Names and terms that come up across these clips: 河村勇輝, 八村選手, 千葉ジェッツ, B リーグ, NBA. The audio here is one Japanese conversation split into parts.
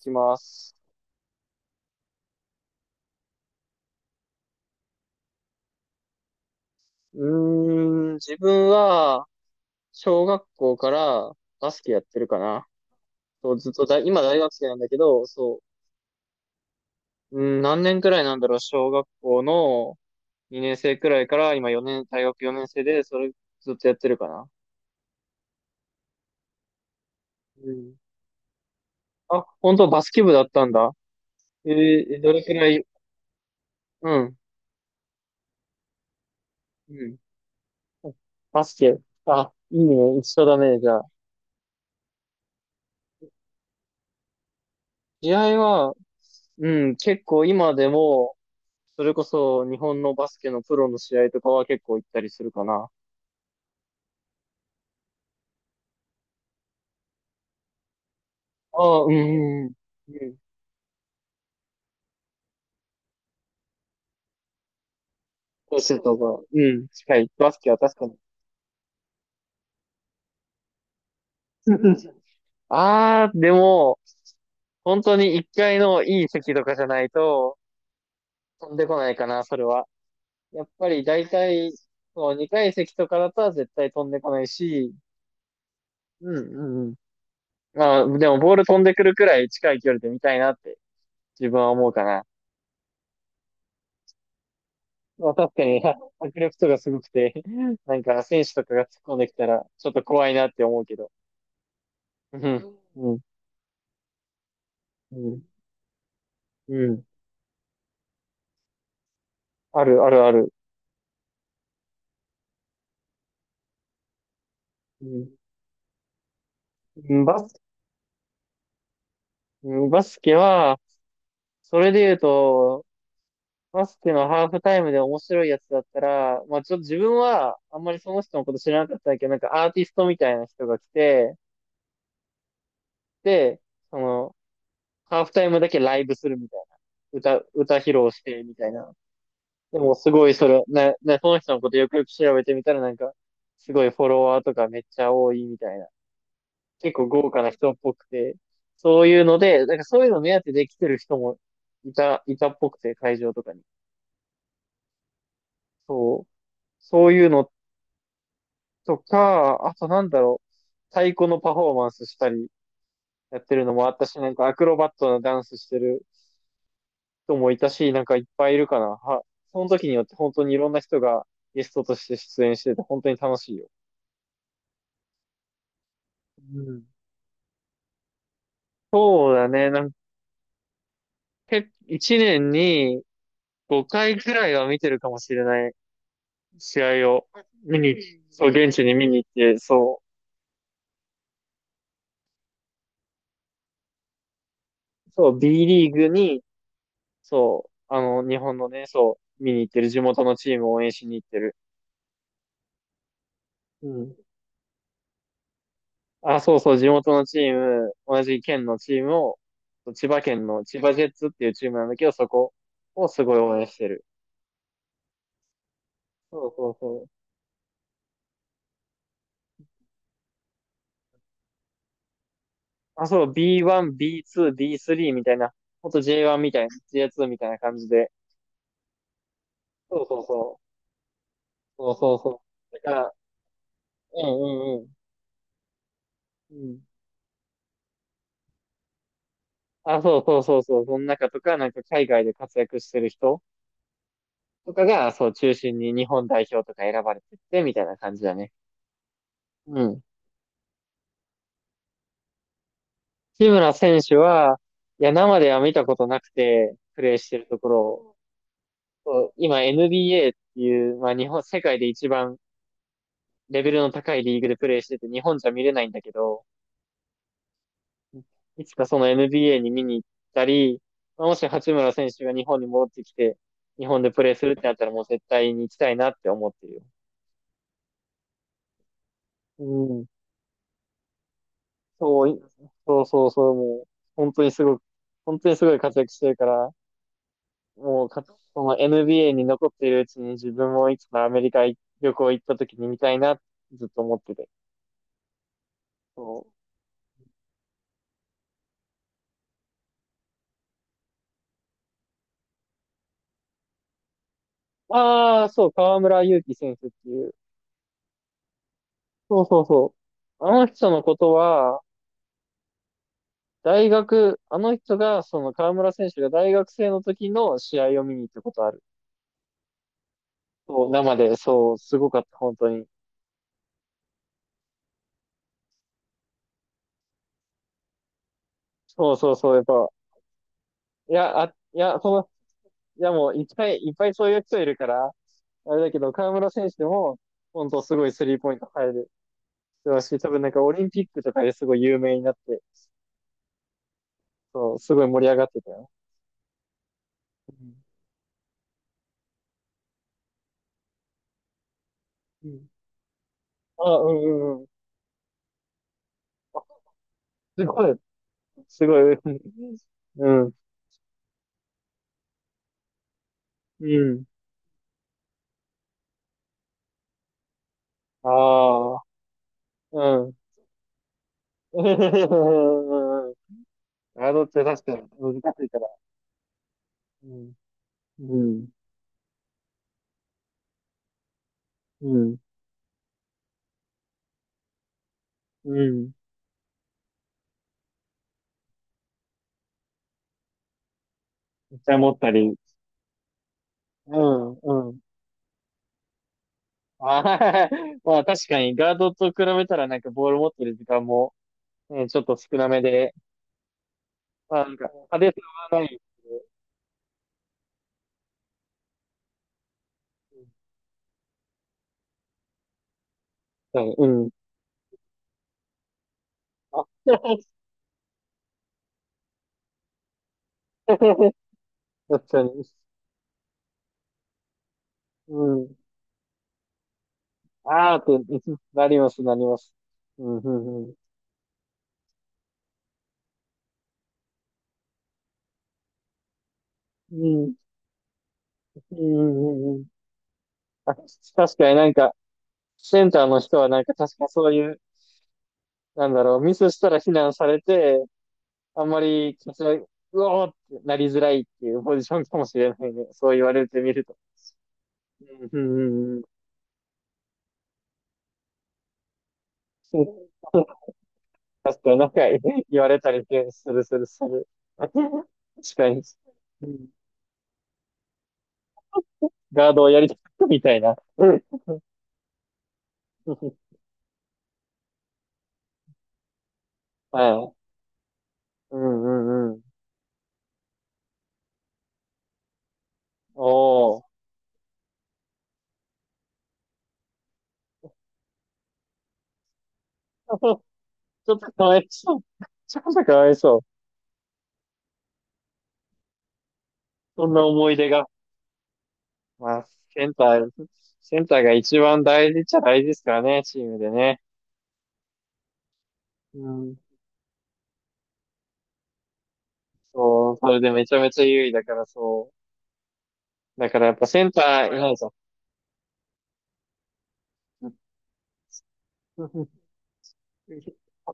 いきます。うー自分は、小学校からバスケやってるかな。そう、ずっとだ、今大学生なんだけど、そう、うん、何年くらいなんだろう、小学校の2年生くらいから今4年、大学4年生で、それずっとやってるかな。うん。あ、本当バスケ部だったんだ。えどれくらい、うん、うん。バスケ。あ、いいね、一緒だね、じゃあ。試合は、うん、結構今でも、それこそ日本のバスケのプロの試合とかは結構行ったりするかな。ああ、うん、うん、うん。コースとか、うん、近い。バスケは確かに。ああ、でも、本当に1階のいい席とかじゃないと飛んでこないかな、それは。やっぱり大体、そう、2階席とかだったら絶対飛んでこないし、うん、うん、うん。まあ、でもボール飛んでくるくらい近い距離で見たいなって自分は思うかな。まあ、確かに、迫力とかすごくて、なんか選手とかが突っ込んできたら、ちょっと怖いなって思うけど。うん、うん、うん、うん。ある、ある、ある。うんうんバスケは、それで言うと、バスケのハーフタイムで面白いやつだったら、まあちょっと自分は、あんまりその人のこと知らなかったんだけど、なんかアーティストみたいな人が来て、で、その、ハーフタイムだけライブするみたいな。歌披露して、みたいな。でもすごいそれ、ね、その人のことよくよく調べてみたらなんか、すごいフォロワーとかめっちゃ多いみたいな。結構豪華な人っぽくて、そういうので、なんかそういうの目当てで来てる人もいたっぽくて、会場とかに。そう。そういうのとか、あとなんだろう、太鼓のパフォーマンスしたりやってるのもあったし、なんかアクロバットなダンスしてる人もいたし、なんかいっぱいいるかな。その時によって本当にいろんな人がゲストとして出演してて、本当に楽しいよ。うん。そうだね。なんか、1年に5回ぐらいは見てるかもしれない試合を見に、そう、現地に見に行って、そう、そう、B リーグに、そう、日本のね、そう、見に行ってる、地元のチームを応援しに行ってる。うん。あ、そうそう、地元のチーム、同じ県のチームを、千葉県の千葉ジェッツっていうチームなんだけど、そこをすごい応援してる。そうそうそう。あ、そう、B1、B2、B3 みたいな、ほんと J1 みたいな、J2 みたいな感じで、そうそうそう。そうそうそう。だから、うんうんうん。うん。あ、そうそうそうそう。その中とか、なんか海外で活躍してる人とかが、そう、中心に日本代表とか選ばれてって、みたいな感じだね。うん。志村選手は、いや、生では見たことなくて、プレーしてるところを、そう今 NBA っていう、まあ日本、世界で一番レベルの高いリーグでプレーしてて、日本じゃ見れないんだけど、いつかその NBA に見に行ったり、まあもし八村選手が日本に戻ってきて、日本でプレーするってなったらもう絶対に行きたいなって思ってるよ。うん。そうそうそうそう、もう、本当にすごく、本当にすごい活躍してるから、もうか、その NBA に残っているうちに自分もいつかアメリカ旅行行った時に見たいなってずっと思ってて。そう。ああ、そう、河村勇輝選手っていう。そうそうそう。あの人のことは、大学、あの人が、その河村選手が大学生の時の試合を見に行ったことある。そう、生で、そう、すごかった、本当に。そうそうそう、やっぱ、いや、その、いやもう、いっぱいいっぱいそういう人いるから、あれだけど、河村選手でも、本当すごいスリーポイント入る人だし、多分なんかオリンピックとかですごい有名になって、そう、すごい盛り上がってたよ。うん。うん。あ、うんうんうん。あ、すごい、すごい、うん。うん。ああ、うん。うんガードって確かに難しいから。うん。うん。うん。うん。めっちゃ持ったり。うん。うん。まあ確かにガードと比べたらなんかボール持ってる時間も、ね、ちょっと少なめで、まあなんか派手さはない。うんうん。あ 確かに。うん。ああって、いつなります、なります。うん、うん、うん。うん、うん、うん、うん。あ、確かになんか、センターの人はなんか確かそういう、なんだろう、ミスしたら非難されて、あんまり、こちら、うおーってなりづらいっていうポジションかもしれないね。そう言われてみると。うん、うん、うん。確かになんか言われたりするするする。確かに。うんガードをやりたくみたいな。うん。はい。うんうんうん。おー。ちょっとかわいそう。ちょっとかわいそう。そんな思い出が。まあ、センター、センターが一番大事っちゃ大事ですからね、チームでね。うん。そう、それでめちゃめちゃ優位だからそう。だからやっぱセンター、いないぞ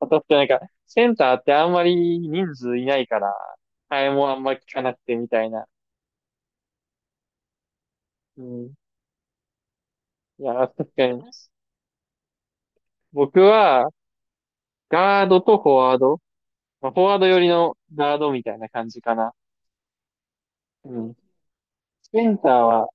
私 ってなんか、センターってあんまり人数いないから、替えもあんまり効かなくてみたいな。うん。いや、確かに。僕は、ガードとフォワード。まあ、フォワード寄りのガードみたいな感じかな。うん。センターは、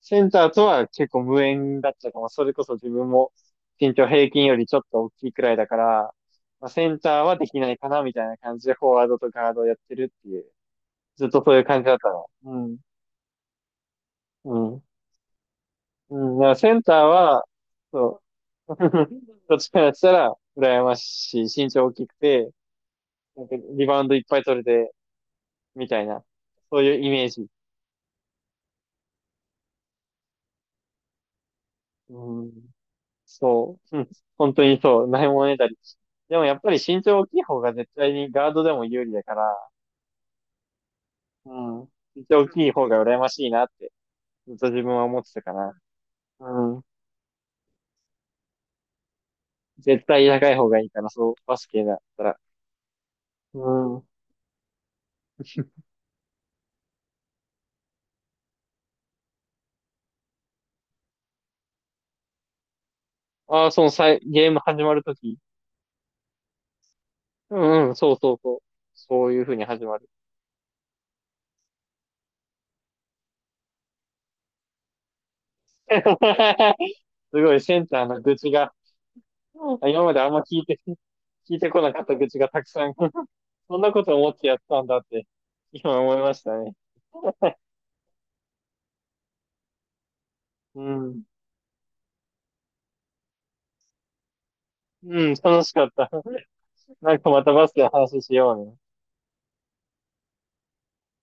センターとは結構無縁だったかも。それこそ自分も身長平均よりちょっと大きいくらいだから、まあ、センターはできないかなみたいな感じでフォワードとガードをやってるっていう、ずっとそういう感じだったの。うん。うん。うん。だからセンターは、そう。どっちからしたら羨ましい。身長大きくて、なんかリバウンドいっぱい取れて、みたいな。そういうイメージ。うん。そう、うん、本当にそう、ないものねだり。でもやっぱり身長大きい方が絶対にガードでも有利だから、うん、身長大きい方が羨ましいなって、ずっと自分は思ってたかな。うん、絶対高い方がいいかな、そう、バスケだったら。うん。ああ、そのさい、ゲーム始まるとき。うんうん、そうそうそう。そういう風に始まる。すごい、センターの愚痴が、今まであんま聞いて、聞いてこなかった愚痴がたくさん そんなこと思ってやってたんだって、今思いましたね。うん。うん、楽しかった。なんかまたバスケの話しようね。